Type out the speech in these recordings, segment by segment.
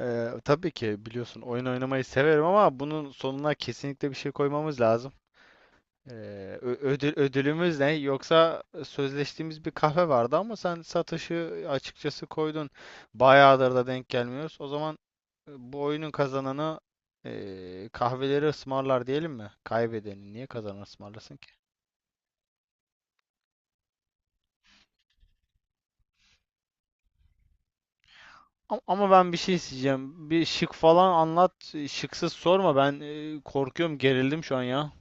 Tabii ki biliyorsun oyun oynamayı severim ama bunun sonuna kesinlikle bir şey koymamız lazım. Ödülümüz ne? Yoksa sözleştiğimiz bir kahve vardı ama sen satışı açıkçası koydun. Bayağıdır da denk gelmiyoruz. O zaman bu oyunun kazananı kahveleri ısmarlar diyelim mi? Kaybedeni niye kazanan ısmarlasın ki? Ama ben bir şey isteyeceğim. Bir şık falan anlat. Şıksız sorma. Ben korkuyorum, gerildim şu an ya.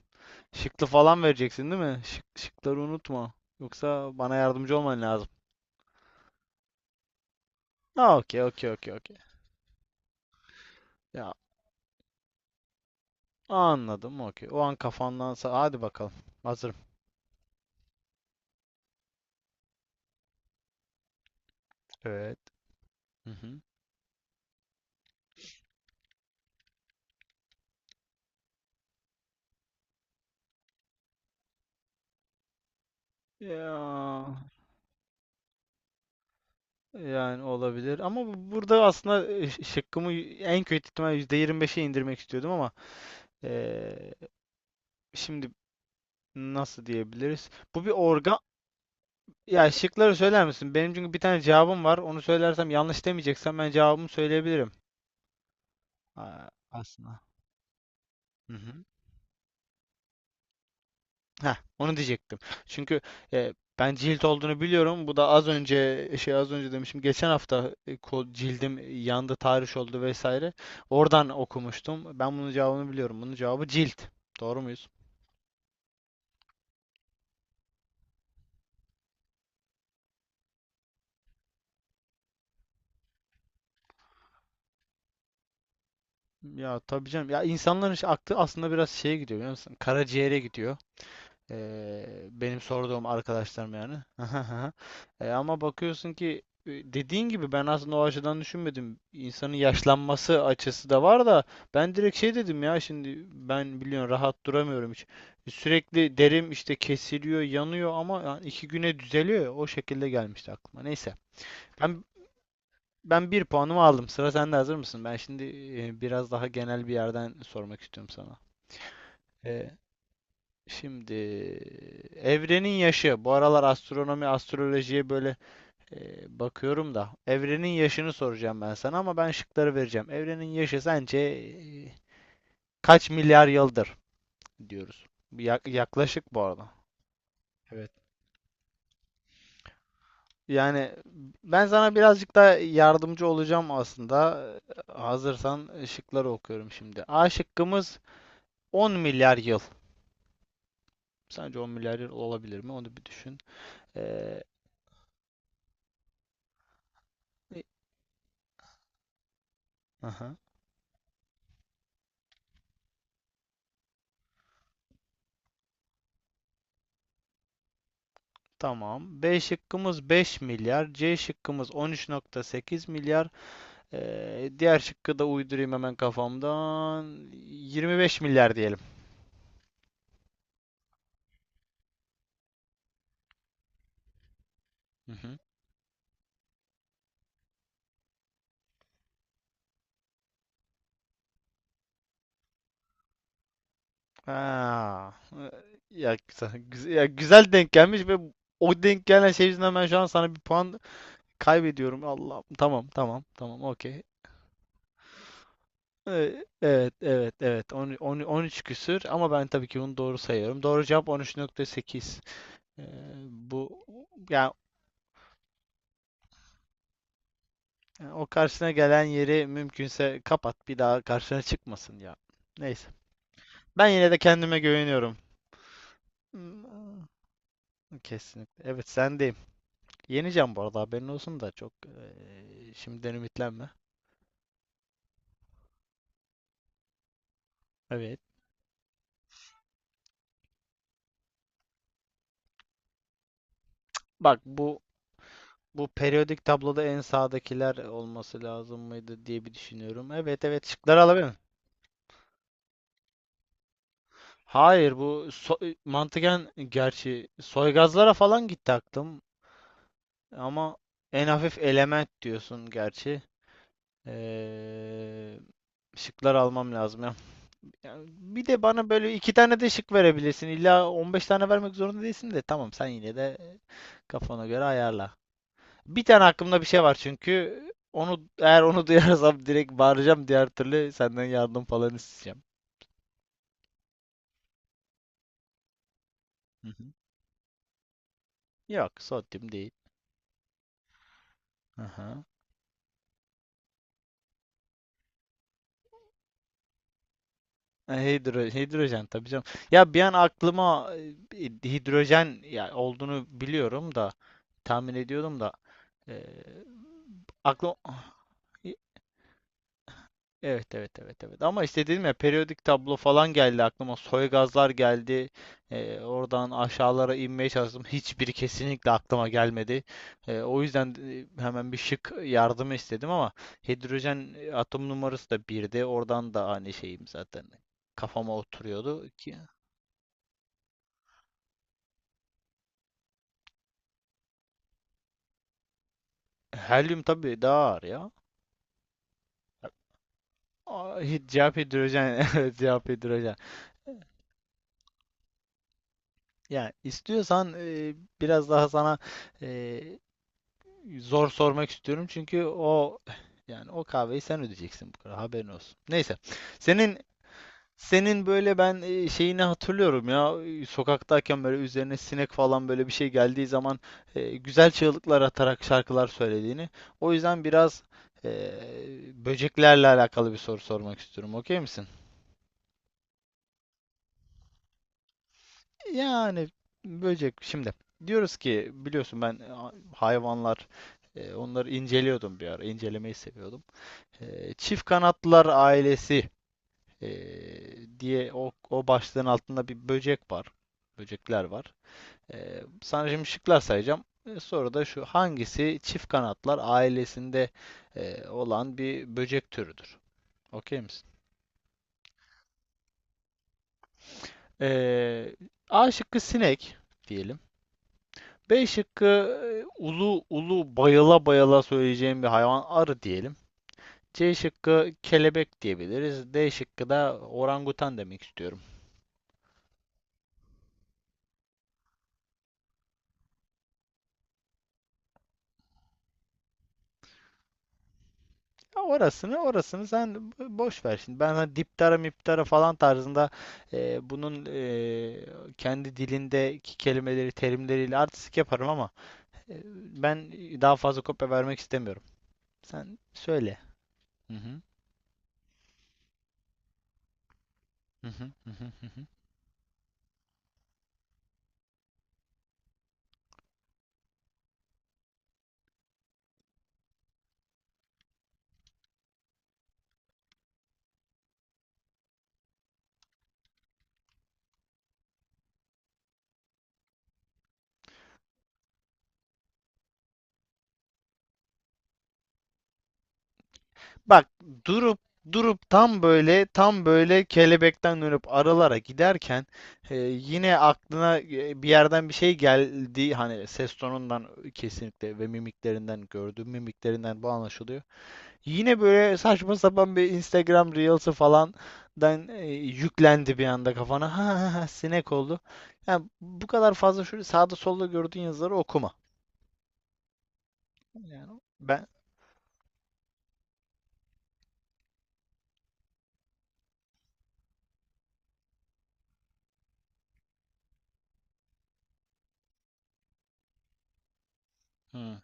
Şıklı falan vereceksin değil mi? Şıkları unutma. Yoksa bana yardımcı olman lazım. Ha, okey, okey, okey, okey. Ya, anladım. Okey. O an kafandansa hadi bakalım. Hazırım. Evet. Hı hı. Ya, yani olabilir ama burada aslında şıkkımı en kötü ihtimal %25'e indirmek istiyordum ama eee, şimdi nasıl diyebiliriz? Bu bir organ. Ya, şıkları söyler misin? Benim çünkü bir tane cevabım var. Onu söylersem, yanlış demeyeceksem ben cevabımı söyleyebilirim. Ha, aslında. Hı hı. Heh, onu diyecektim. Çünkü e, ben cilt olduğunu biliyorum. Bu da az önce şey az önce demişim. Geçen hafta cildim yandı, tahriş oldu vesaire. Oradan okumuştum. Ben bunun cevabını biliyorum. Bunun cevabı cilt. Doğru muyuz? Ya, tabii canım. Ya, insanların işte aklı aslında biraz şeye gidiyor, biliyor musun? Karaciğere gidiyor. Benim sorduğum arkadaşlarım yani. Ama bakıyorsun ki dediğin gibi, ben aslında o açıdan düşünmedim. İnsanın yaşlanması açısı da var da, ben direkt şey dedim ya, şimdi ben biliyorsun rahat duramıyorum hiç. Sürekli derim işte, kesiliyor, yanıyor ama yani 2 güne düzeliyor ya, o şekilde gelmişti aklıma. Neyse. Ben ben bir puanımı aldım. Sıra sende, hazır mısın? Ben şimdi biraz daha genel bir yerden sormak istiyorum sana. Şimdi evrenin yaşı. Bu aralar astronomi, astrolojiye böyle bakıyorum da. Evrenin yaşını soracağım ben sana ama ben şıkları vereceğim. Evrenin yaşı sence kaç milyar yıldır diyoruz. Yaklaşık bu arada. Evet. Yani ben sana birazcık da yardımcı olacağım aslında. Hazırsan şıkları okuyorum şimdi. A şıkkımız 10 milyar yıl. Sence 10 milyar yıl olabilir mi? Onu bir düşün. Ee, aha. Tamam. B şıkkımız 5 milyar. C şıkkımız 13,8 milyar. Diğer şıkkı da uydurayım hemen kafamdan. 25 milyar diyelim. Hı hı. Ha. Ya, güzel, Ya güzel denk gelmiş ve o denk gelen şey yüzünden ben şu an sana bir puan kaybediyorum. Allah. Tamam, tamam, tamam. Okey. Evet, evet, evet. 13 küsür ama ben tabii ki bunu doğru sayıyorum. Doğru cevap 13,8. Ee, bu yani O karşısına gelen yeri mümkünse kapat. Bir daha karşına çıkmasın ya. Neyse. Ben yine de kendime güveniyorum. Hmm. Kesinlikle. Evet, sendeyim. Yeneceğim bu arada, haberin olsun da, çok şimdiden ümitlenme. Evet. Bak, bu periyodik tabloda en sağdakiler olması lazım mıydı diye bir düşünüyorum. Evet, evet, şıkları alabilir miyim? Hayır, mantıken gerçi soygazlara falan gitti aklım. Ama en hafif element diyorsun gerçi. Ee, Şıklar almam lazım ya. Yani bir de bana böyle iki tane de şık verebilirsin. İlla 15 tane vermek zorunda değilsin, de tamam, sen yine de kafana göre ayarla. Bir tane aklımda bir şey var çünkü eğer onu duyarsam direkt bağıracağım, diğer türlü senden yardım falan isteyeceğim. Hı hı. Yok, sodyum değil. Aha. Ha, hidrojen tabii canım. Ya, bir an aklıma e, hidrojen ya olduğunu biliyorum da, tahmin ediyordum da e, aklım evet, evet, evet, evet ama işte dedim ya, periyodik tablo falan geldi aklıma, soygazlar geldi. Oradan aşağılara inmeye çalıştım, hiçbiri kesinlikle aklıma gelmedi. O yüzden hemen bir şık yardımı istedim ama hidrojen atom numarası da birdi, oradan da hani şeyim zaten kafama oturuyordu ki helyum tabii daha ağır ya. Cevap hidrojen. Evet, cevap hidrojen. Yani istiyorsan biraz daha sana e, zor sormak istiyorum çünkü o kahveyi sen ödeyeceksin, bu kadar haberin olsun. Neyse. Senin senin böyle ben şeyini hatırlıyorum ya, sokaktayken böyle üzerine sinek falan böyle bir şey geldiği zaman güzel çığlıklar atarak şarkılar söylediğini. O yüzden biraz e, böceklerle alakalı bir soru sormak istiyorum. Okey misin? Yani böcek, şimdi diyoruz ki biliyorsun ben hayvanlar, onları inceliyordum bir ara. İncelemeyi seviyordum. Çift Kanatlılar Ailesi e, diye, o başlığın altında bir böcek var. Böcekler var. Sana şimdi şıklar sayacağım. Sonra da şu hangisi çift kanatlılar ailesinde olan bir böcek türüdür? Okey misin? E, A şıkkı sinek diyelim. B şıkkı ulu ulu, bayıla bayıla söyleyeceğim bir hayvan, arı diyelim. C şıkkı kelebek diyebiliriz. D şıkkı da orangutan demek istiyorum. Ya, orasını sen boş ver şimdi. Ben hani diptara miptara falan tarzında bunun kendi dilindeki kelimeleri, terimleriyle artistik yaparım ama e, ben daha fazla kopya vermek istemiyorum. Sen söyle. Hı hı. Hı hı. Hı hı. Hı hı. Bak, durup durup, tam böyle kelebekten dönüp aralara giderken, yine aklına bir yerden bir şey geldi. Hani ses tonundan kesinlikle ve mimiklerinden, gördüğüm mimiklerinden bu anlaşılıyor. Yine böyle saçma sapan bir Instagram Reels'ı falandan yüklendi bir anda kafana. Ha, ha, ha, sinek oldu. Yani bu kadar fazla şöyle sağda solda gördüğün yazıları okuma. Yani ben Hı.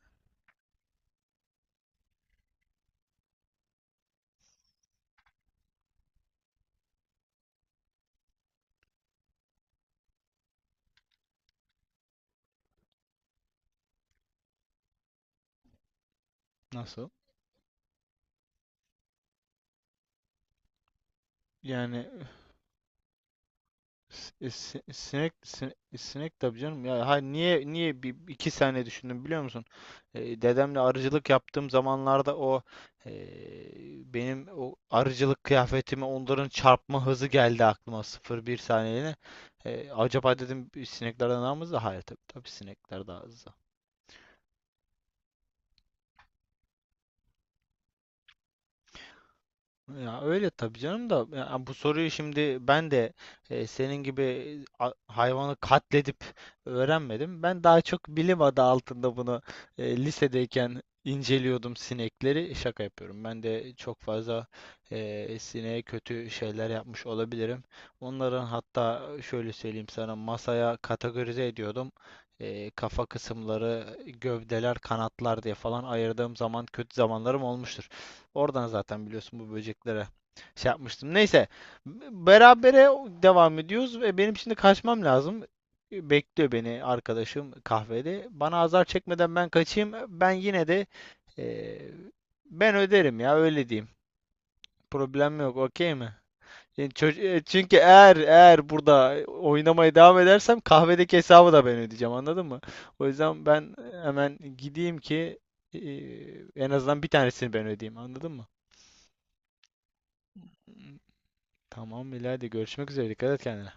Nasıl? Yani Sinek, tabii canım. Ya, hayır, niye bir iki saniye düşündüm, biliyor musun? Dedemle arıcılık yaptığım zamanlarda e, benim o arıcılık kıyafetime onların çarpma hızı geldi aklıma sıfır bir saniyeliğine. Acaba dedim, bir sineklerden daha mı hızlı? Hayır, tabii tabii sinekler daha hızlı. Ya öyle tabii canım da, ya bu soruyu şimdi ben de senin gibi hayvanı katledip öğrenmedim. Ben daha çok bilim adı altında bunu lisedeyken inceliyordum sinekleri. Şaka yapıyorum. Ben de çok fazla sineğe kötü şeyler yapmış olabilirim. Onların, hatta şöyle söyleyeyim sana, masaya kategorize ediyordum. Kafa kısımları, gövdeler, kanatlar diye falan ayırdığım zaman, kötü zamanlarım olmuştur. Oradan zaten biliyorsun, bu böceklere şey yapmıştım. Neyse. Berabere devam ediyoruz ve benim şimdi kaçmam lazım. Bekliyor beni arkadaşım kahvede. Bana azar çekmeden ben kaçayım. Ben yine de e, ben öderim ya, öyle diyeyim. Problem yok. Okey mi? Çünkü eğer burada oynamaya devam edersem kahvedeki hesabı da ben ödeyeceğim, anladın mı? O yüzden ben hemen gideyim ki e, en azından bir tanesini ben ödeyeyim, anladın mı? Tamam İlayda, görüşmek üzere. Dikkat et kendine.